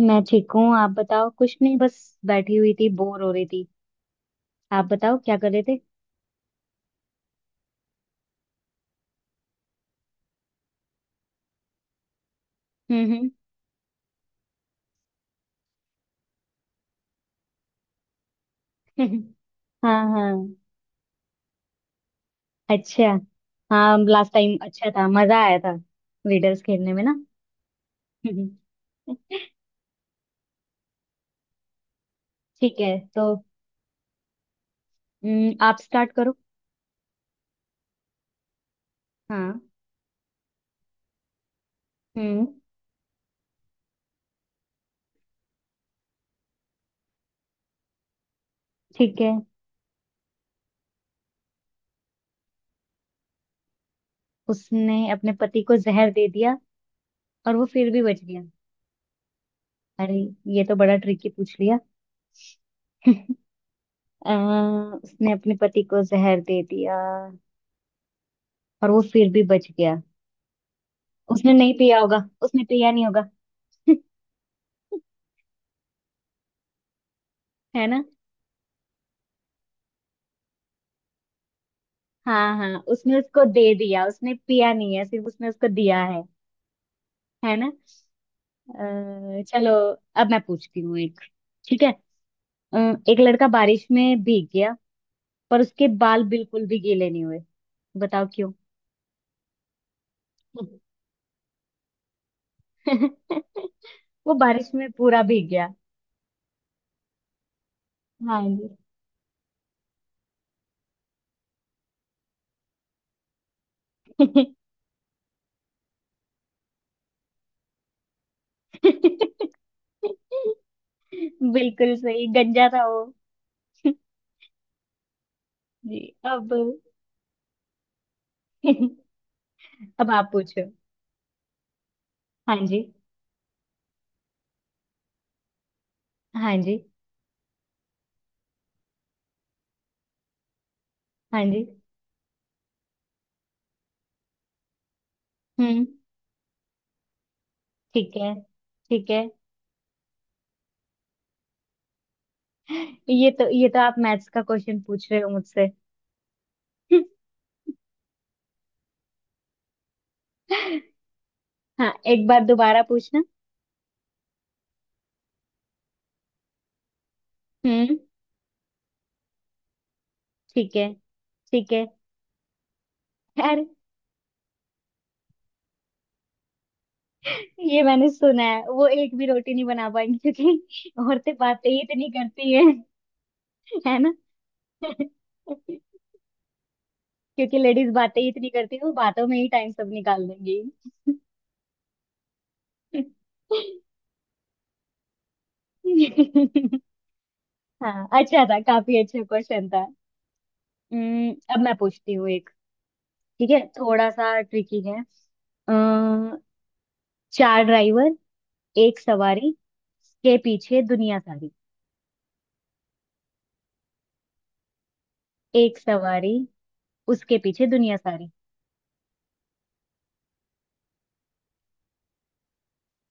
मैं ठीक हूँ। आप बताओ। कुछ नहीं बस बैठी हुई थी बोर हो रही थी। आप बताओ क्या कर रहे थे। हम्म। हम्म। हाँ हाँ। अच्छा। हाँ लास्ट टाइम अच्छा था मजा आया था। रीडर्स खेलने में ना। ठीक है तो। आप स्टार्ट करो। हाँ। हम्म। ठीक है। उसने अपने पति को जहर दे दिया और वो फिर भी बच गया। अरे ये तो बड़ा ट्रिकी पूछ लिया। अ, उसने अपने पति को जहर दे दिया और वो फिर भी बच गया। उसने नहीं पिया होगा। उसने पिया नहीं होगा। है ना। हाँ हाँ उसने उसको दे दिया उसने पिया नहीं है सिर्फ उसने उसको दिया है। है ना। चलो अब मैं पूछती हूँ एक। ठीक है। अ, एक लड़का बारिश में भीग गया पर उसके बाल बिल्कुल भी गीले नहीं हुए। बताओ क्यों। वो बारिश में पूरा भीग गया। हाँ जी। बिल्कुल सही गंजा था वो। जी। अब। अब आप पूछो। हाँ जी। हाँ जी। हाँ जी। हम्म। ठीक है ठीक है। ये तो आप मैथ्स का क्वेश्चन पूछ रहे हो मुझसे। हाँ एक बार दोबारा पूछना। हम्म। ठीक है। ठीक है। अरे ये मैंने सुना है वो एक भी रोटी नहीं बना पाएंगी क्योंकि औरतें बातें ही इतनी करती है। है ना। क्योंकि लेडीज बातें ही इतनी करती है वो बातों में ही टाइम सब निकाल देंगी। हाँ अच्छा था काफी अच्छा क्वेश्चन था। अब मैं पूछती हूँ। ठीक है थोड़ा सा ट्रिकी है। अ, चार ड्राइवर एक सवारी के पीछे दुनिया सारी। एक सवारी उसके पीछे दुनिया सारी।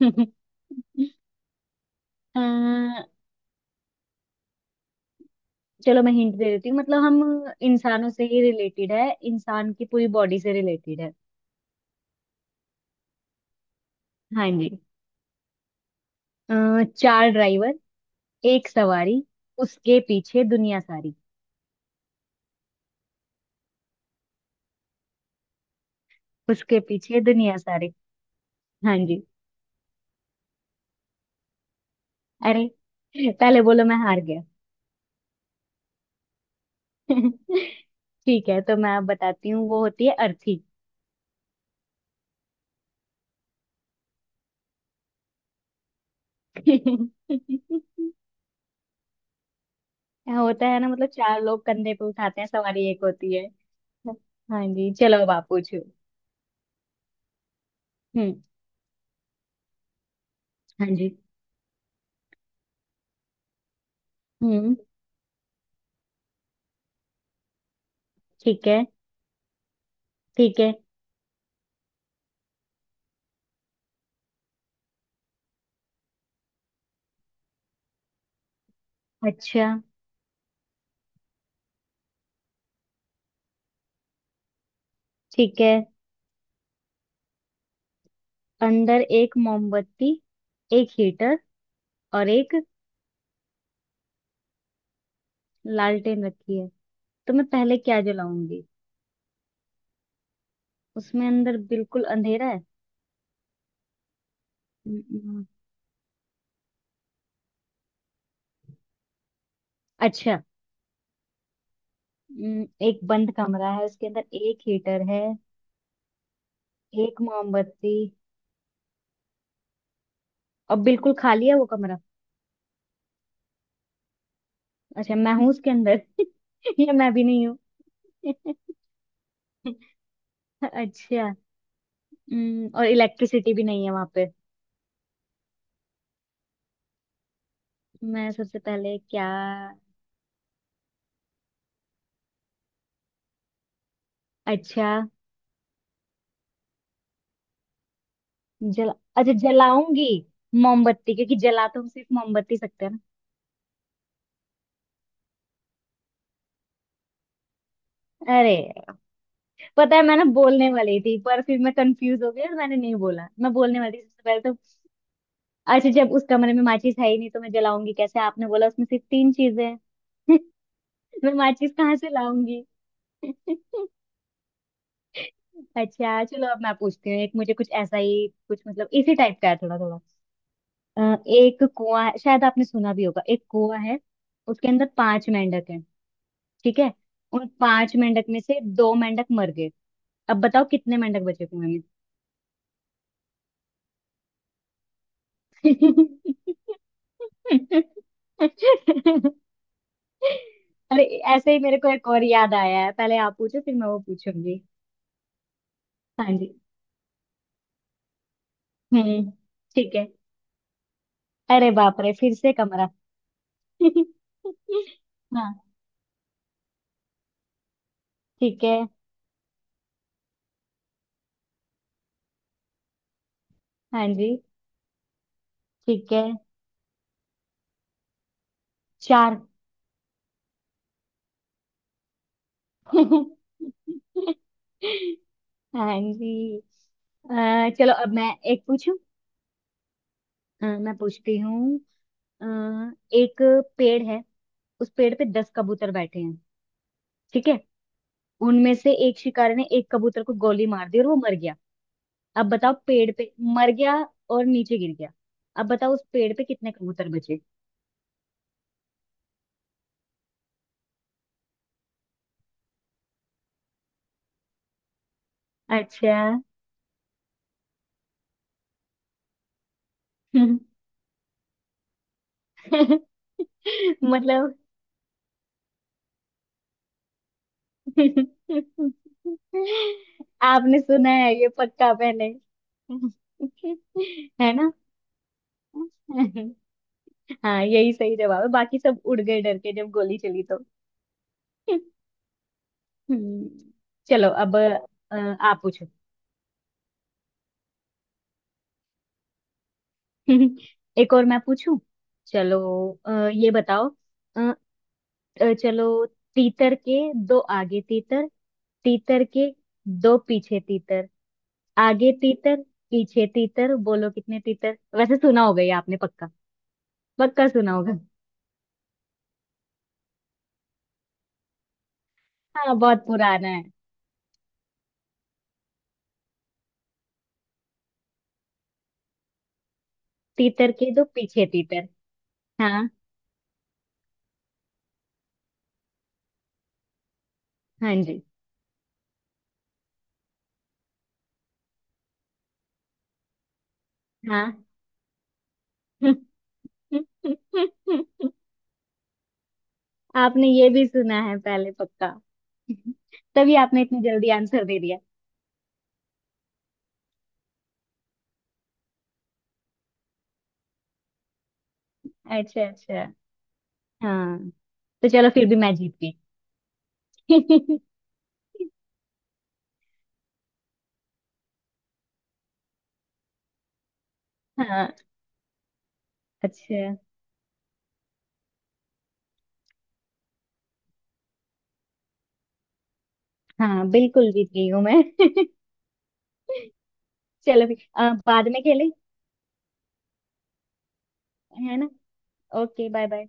अ, चलो मैं हिंट दे देती हूँ मतलब हम इंसानों से ही रिलेटेड है इंसान की पूरी बॉडी से रिलेटेड है। हाँ जी। चार ड्राइवर एक सवारी उसके पीछे दुनिया सारी। उसके पीछे दुनिया सारी। हाँ जी। अरे पहले बोलो मैं हार गया। ठीक है तो मैं आप बताती हूँ वो होती है अर्थी। होता है ना मतलब चार लोग कंधे पे उठाते हैं सवारी एक होती है। हाँ जी चलो अब आप पूछो। हम्म। हाँ जी। हम्म। ठीक है। ठीक है। अच्छा। ठीक है। अंदर एक मोमबत्ती एक हीटर और एक लालटेन रखी है। तो मैं पहले क्या जलाऊंगी। उसमें अंदर बिल्कुल अंधेरा है। हम्म, अच्छा। एक बंद कमरा है उसके अंदर एक हीटर है एक मोमबत्ती और बिल्कुल खाली है वो कमरा। अच्छा मैं हूँ उसके अंदर या मैं भी नहीं हूँ। अच्छा। और इलेक्ट्रिसिटी भी नहीं है वहां पे। मैं सबसे पहले क्या। अच्छा जला अच्छा जलाऊंगी मोमबत्ती क्योंकि जला तो हम सिर्फ मोमबत्ती सकते हैं ना। अरे पता है मैं ना बोलने वाली थी पर फिर मैं कंफ्यूज हो गई और मैंने नहीं बोला मैं बोलने वाली थी सबसे पहले तो। अच्छा जब उस कमरे में माचिस है ही नहीं तो मैं जलाऊंगी कैसे आपने बोला उसमें सिर्फ तीन चीजें हैं। मैं माचिस कहाँ से लाऊंगी। अच्छा चलो अब मैं पूछती हूँ एक मुझे कुछ ऐसा ही कुछ मतलब इसी टाइप का है थोड़ा थोड़ा। अ, एक कुआं है शायद आपने सुना भी होगा एक कुआं है। उसके अंदर पांच मेंढक हैं। ठीक है। उन पांच मेंढक में से दो मेंढक मर गए। अब बताओ कितने मेंढक बचे कुएं में। अरे ऐसे ही मेरे को एक और याद आया है पहले आप पूछो फिर मैं वो पूछूंगी। हाँ जी। हम्म। ठीक है। अरे बाप रे फिर से कमरा। हाँ। ठीक है। हाँ जी। ठीक है। चार। हाँ जी। चलो अब मैं एक पूछूं। मैं पूछती हूँ। अ, एक पेड़ है। उस पेड़ पे 10 कबूतर बैठे हैं। ठीक है। उनमें से एक शिकारी ने एक कबूतर को गोली मार दी और वो मर गया। अब बताओ पेड़ पे मर गया और नीचे गिर गया। अब बताओ उस पेड़ पे कितने कबूतर बचे। अच्छा। मतलब। आपने सुना है ये पक्का पहले। है ना। हाँ यही सही जवाब है बाकी सब उड़ गए डर के जब गोली चली तो। हम्म, चलो अब आप पूछो। एक और मैं पूछूं। चलो। ये बताओ। चलो तीतर के दो आगे तीतर। तीतर के दो पीछे तीतर। आगे तीतर पीछे तीतर बोलो कितने तीतर वैसे सुना होगा ये आपने पक्का। पक्का सुना होगा। हाँ बहुत पुराना है। तीतर के दो पीछे तीतर। हाँ। हाँ जी। हाँ। आपने ये भी सुना है पहले पक्का। तभी आपने इतनी जल्दी आंसर दे दिया। अच्छा अच्छा। हाँ। तो चलो फिर भी मैं जीत गई। हाँ। अच्छा। हाँ बिल्कुल जीत गई हूँ मैं। चलो भी बाद में खेले। है ना। Okay bye bye.